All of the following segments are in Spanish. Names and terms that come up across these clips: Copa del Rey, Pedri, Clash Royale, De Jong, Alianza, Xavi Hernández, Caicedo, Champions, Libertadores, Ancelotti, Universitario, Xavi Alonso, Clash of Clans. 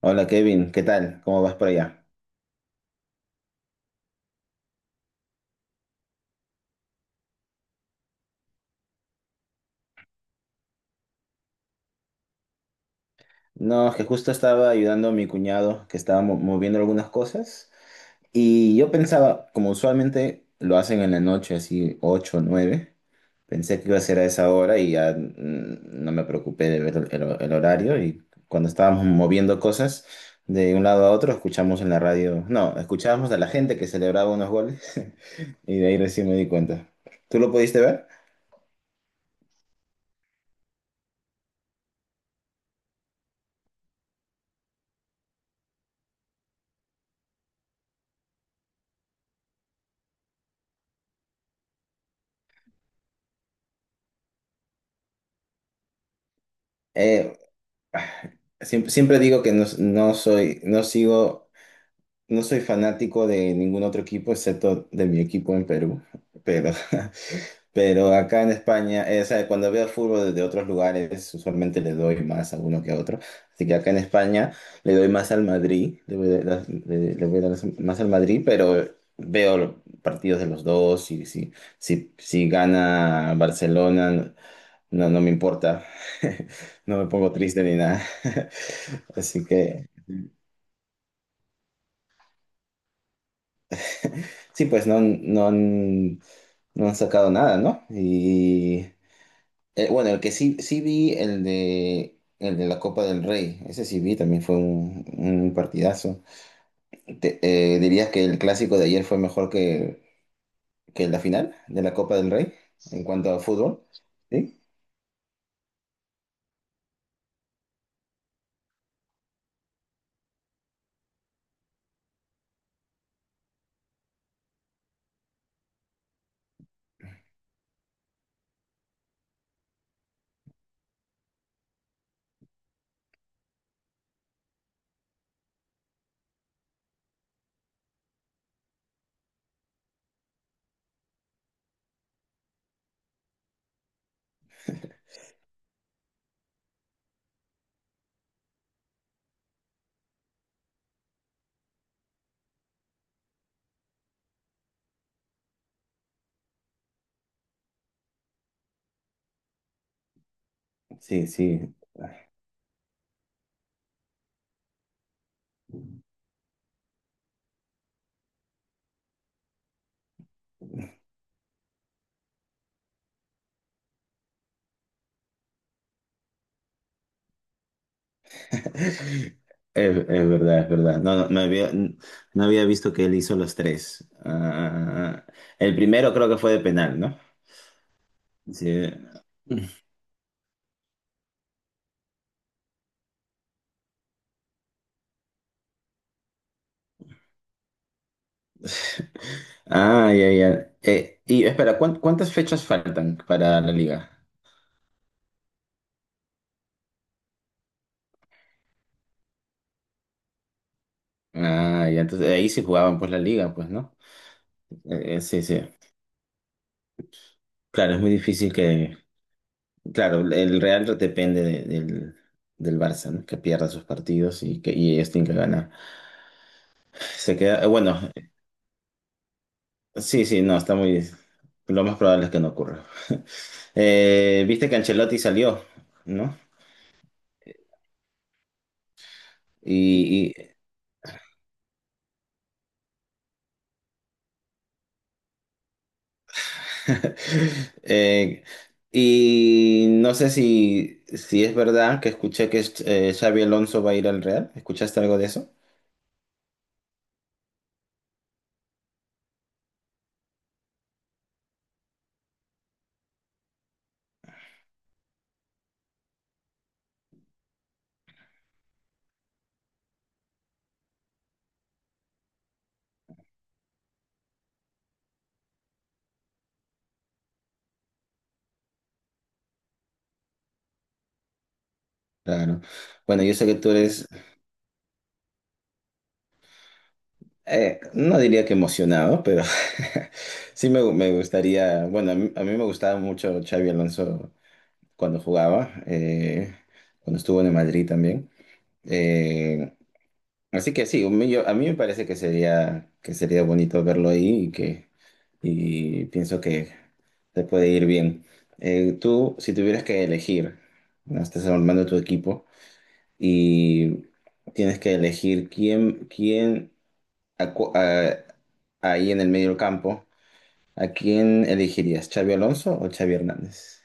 Hola Kevin, ¿qué tal? ¿Cómo vas por allá? No, es que justo estaba ayudando a mi cuñado que estaba moviendo algunas cosas y yo pensaba, como usualmente lo hacen en la noche, así ocho o 9, pensé que iba a ser a esa hora y ya no me preocupé de ver el horario y cuando estábamos moviendo cosas de un lado a otro escuchamos en la radio, no, escuchábamos a la gente que celebraba unos goles y de ahí recién me di cuenta. ¿Tú lo pudiste ver? Eh, Ah, siempre digo que no sigo, no soy fanático de ningún otro equipo excepto de mi equipo en Perú. Pero, pero acá en España, o sea, cuando veo fútbol desde otros lugares, usualmente le doy más a uno que a otro. Así que acá en España le doy más al Madrid, le voy a dar, le voy a dar más al Madrid, pero veo los partidos de los dos si gana Barcelona, no me importa. No me pongo triste ni nada. Así que, sí, pues no han sacado nada, ¿no? Bueno, sí vi, el de la Copa del Rey, ese sí vi, también fue un partidazo. ¿Dirías que el clásico de ayer fue mejor que la final de la Copa del Rey en cuanto a fútbol? Sí, sí. Es verdad, es verdad. No había visto que él hizo los tres. Ah, el primero creo que fue de penal, ¿no? Sí. Ah, ya, ya. Y espera, ¿cuántas fechas faltan para la liga? Ah, ya, entonces ahí sí jugaban pues la liga, pues, ¿no? Sí, sí. Claro, es muy difícil que... Claro, el Real depende del, del Barça, ¿no? Que pierda sus partidos y ellos tienen que ganar. Se queda... Bueno, sí, sí, no, está muy... Lo más probable es que no ocurra. Viste que Ancelotti salió, ¿no? Eh, y no sé si es verdad que escuché que Xavi Alonso va a ir al Real. ¿Escuchaste algo de eso? Claro. Bueno, yo sé que tú eres, no diría que emocionado, pero sí me gustaría, bueno, a mí me gustaba mucho Xavi Alonso cuando jugaba, cuando estuvo en el Madrid también. Eh, Así que sí, a mí me parece que sería bonito verlo ahí y que y pienso que te puede ir bien. Tú, si tuvieras que elegir, ¿no? Estás armando tu equipo y tienes que elegir quién a cu- a- ahí en el medio del campo, ¿a quién elegirías? ¿Xavi Alonso o Xavi Hernández?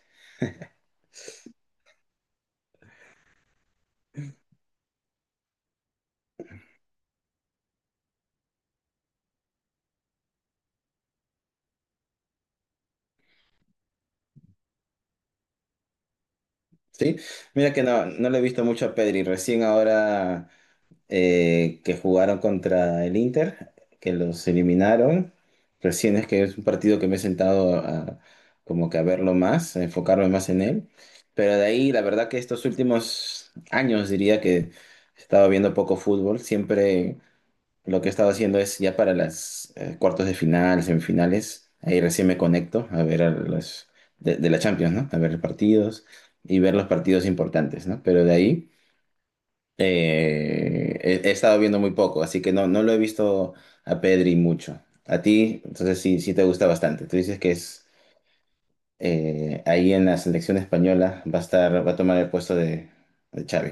Sí, mira que no le he visto mucho a Pedri, recién ahora que jugaron contra el Inter, que los eliminaron. Recién es que es un partido que me he sentado a, como que a verlo más, a enfocarme más en él. Pero de ahí, la verdad que estos últimos años diría que he estado viendo poco fútbol. Siempre lo que he estado haciendo es ya para las cuartos de final, semifinales. Ahí recién me conecto a ver a los de la Champions, ¿no? A ver partidos y ver los partidos importantes, ¿no? Pero de ahí... he estado viendo muy poco, así que no lo he visto a Pedri mucho. A ti, entonces sí, sí te gusta bastante. Tú dices que es ahí en la selección española va a estar, va a tomar el puesto de Xavi.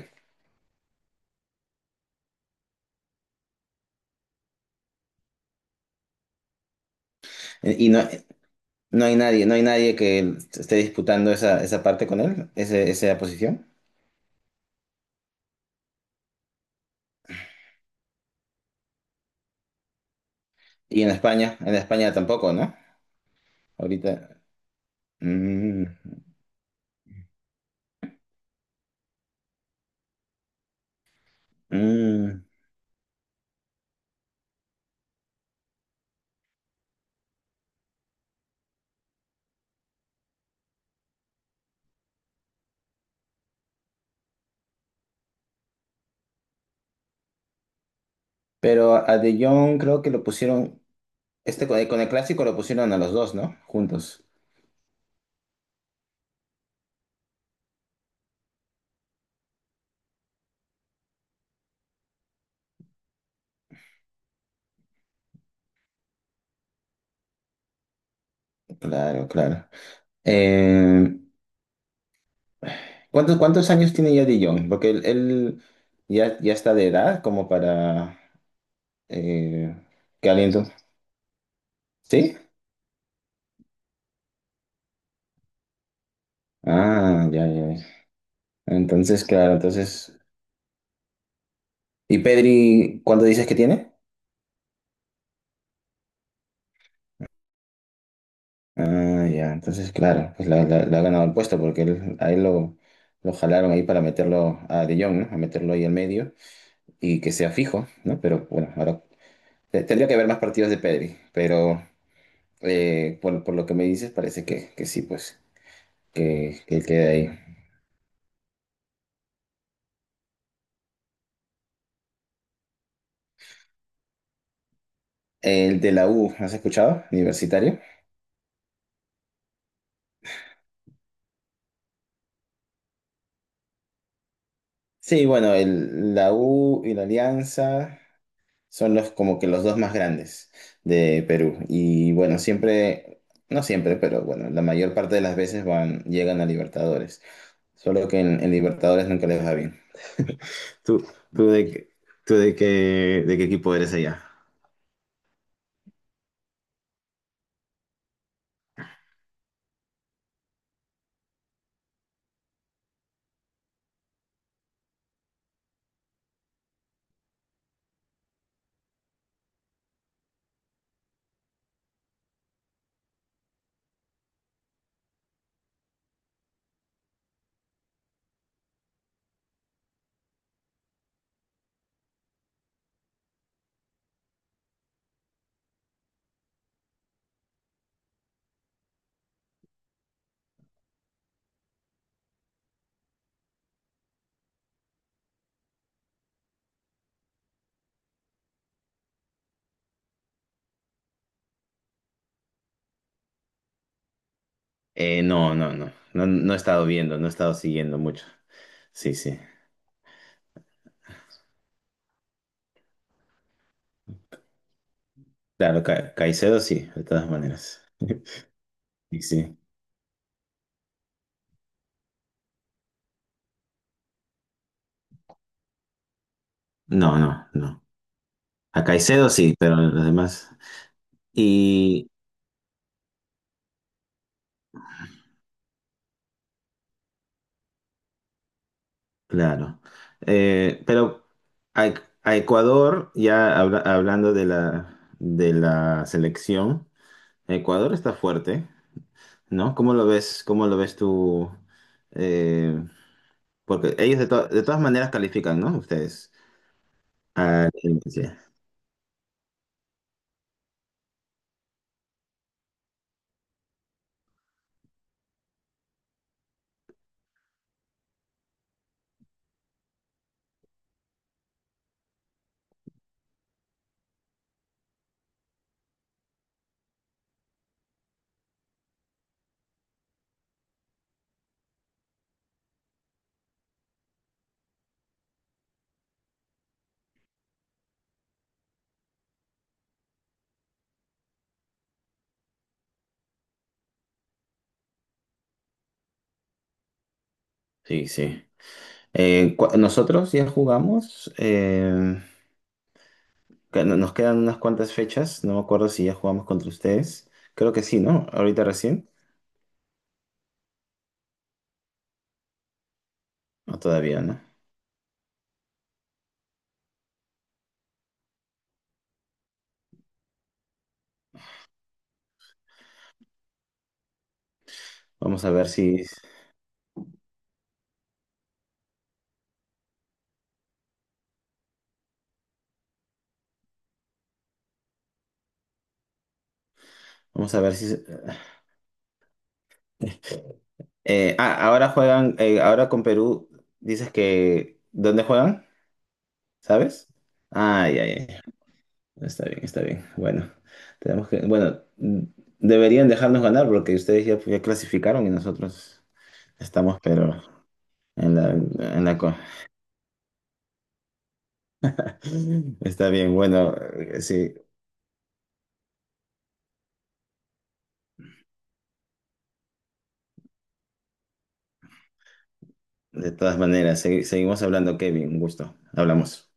Y no, no hay nadie, no hay nadie que esté disputando esa parte con él, esa posición. Y en España tampoco, ¿no? Ahorita. mm, mm. Pero a De Jong creo que lo pusieron, este con el clásico lo pusieron a los dos, ¿no? Juntos. Claro, claro. Eh, ¿cuántos años tiene ya De Jong? Porque él ya, ya está de edad como para eh, que aliento. ¿Sí? Ah, ya, ya. Ya. Entonces, claro, entonces. ¿Y Pedri, cuánto dices que tiene? Ah, ya, entonces, claro, pues le ha ganado el puesto porque él, lo jalaron ahí para meterlo a De Jong, ¿no? A meterlo ahí al medio y que sea fijo, ¿no? Pero bueno, ahora tendría que haber más partidos de Pedri, pero. Por lo que me dices, parece que sí, pues, que él queda ahí. El de la U, ¿has escuchado? Universitario. Sí, bueno, la U y la Alianza son los como que los dos más grandes de Perú. Y bueno, siempre, no siempre, pero bueno, la mayor parte de las veces van, llegan a Libertadores. Solo que en Libertadores nunca les va bien. ¿Tú, tú de, qué- tú de qué equipo eres allá? No he estado viendo, no he estado siguiendo mucho. Sí, sí. Claro, Caicedo sí, de todas maneras. Y sí. No, no, no. A Caicedo sí, pero los demás. Y claro. Pero a, a Ecuador, ya hablando de la selección, Ecuador está fuerte, ¿no? ¿Cómo lo ves? ¿Cómo lo ves tú? Eh, porque ellos de todas maneras califican, ¿no? Ustedes. A la sí, sí. Sí. Nosotros ya jugamos. Que Nos quedan unas cuantas fechas, no me acuerdo si ya jugamos contra ustedes. Creo que sí, ¿no? Ahorita recién. O todavía, ¿no? Vamos a ver si. Vamos a ver si. Ahora juegan. Ahora con Perú, dices que. ¿Dónde juegan? ¿Sabes? Ah, ya, ya, ya. Está bien, está bien. Bueno, tenemos que. Bueno, deberían dejarnos ganar porque ustedes ya, ya clasificaron y nosotros estamos, pero. En la co- Está bien, bueno, sí. De todas maneras, seguimos hablando, Kevin. Un gusto. Hablamos.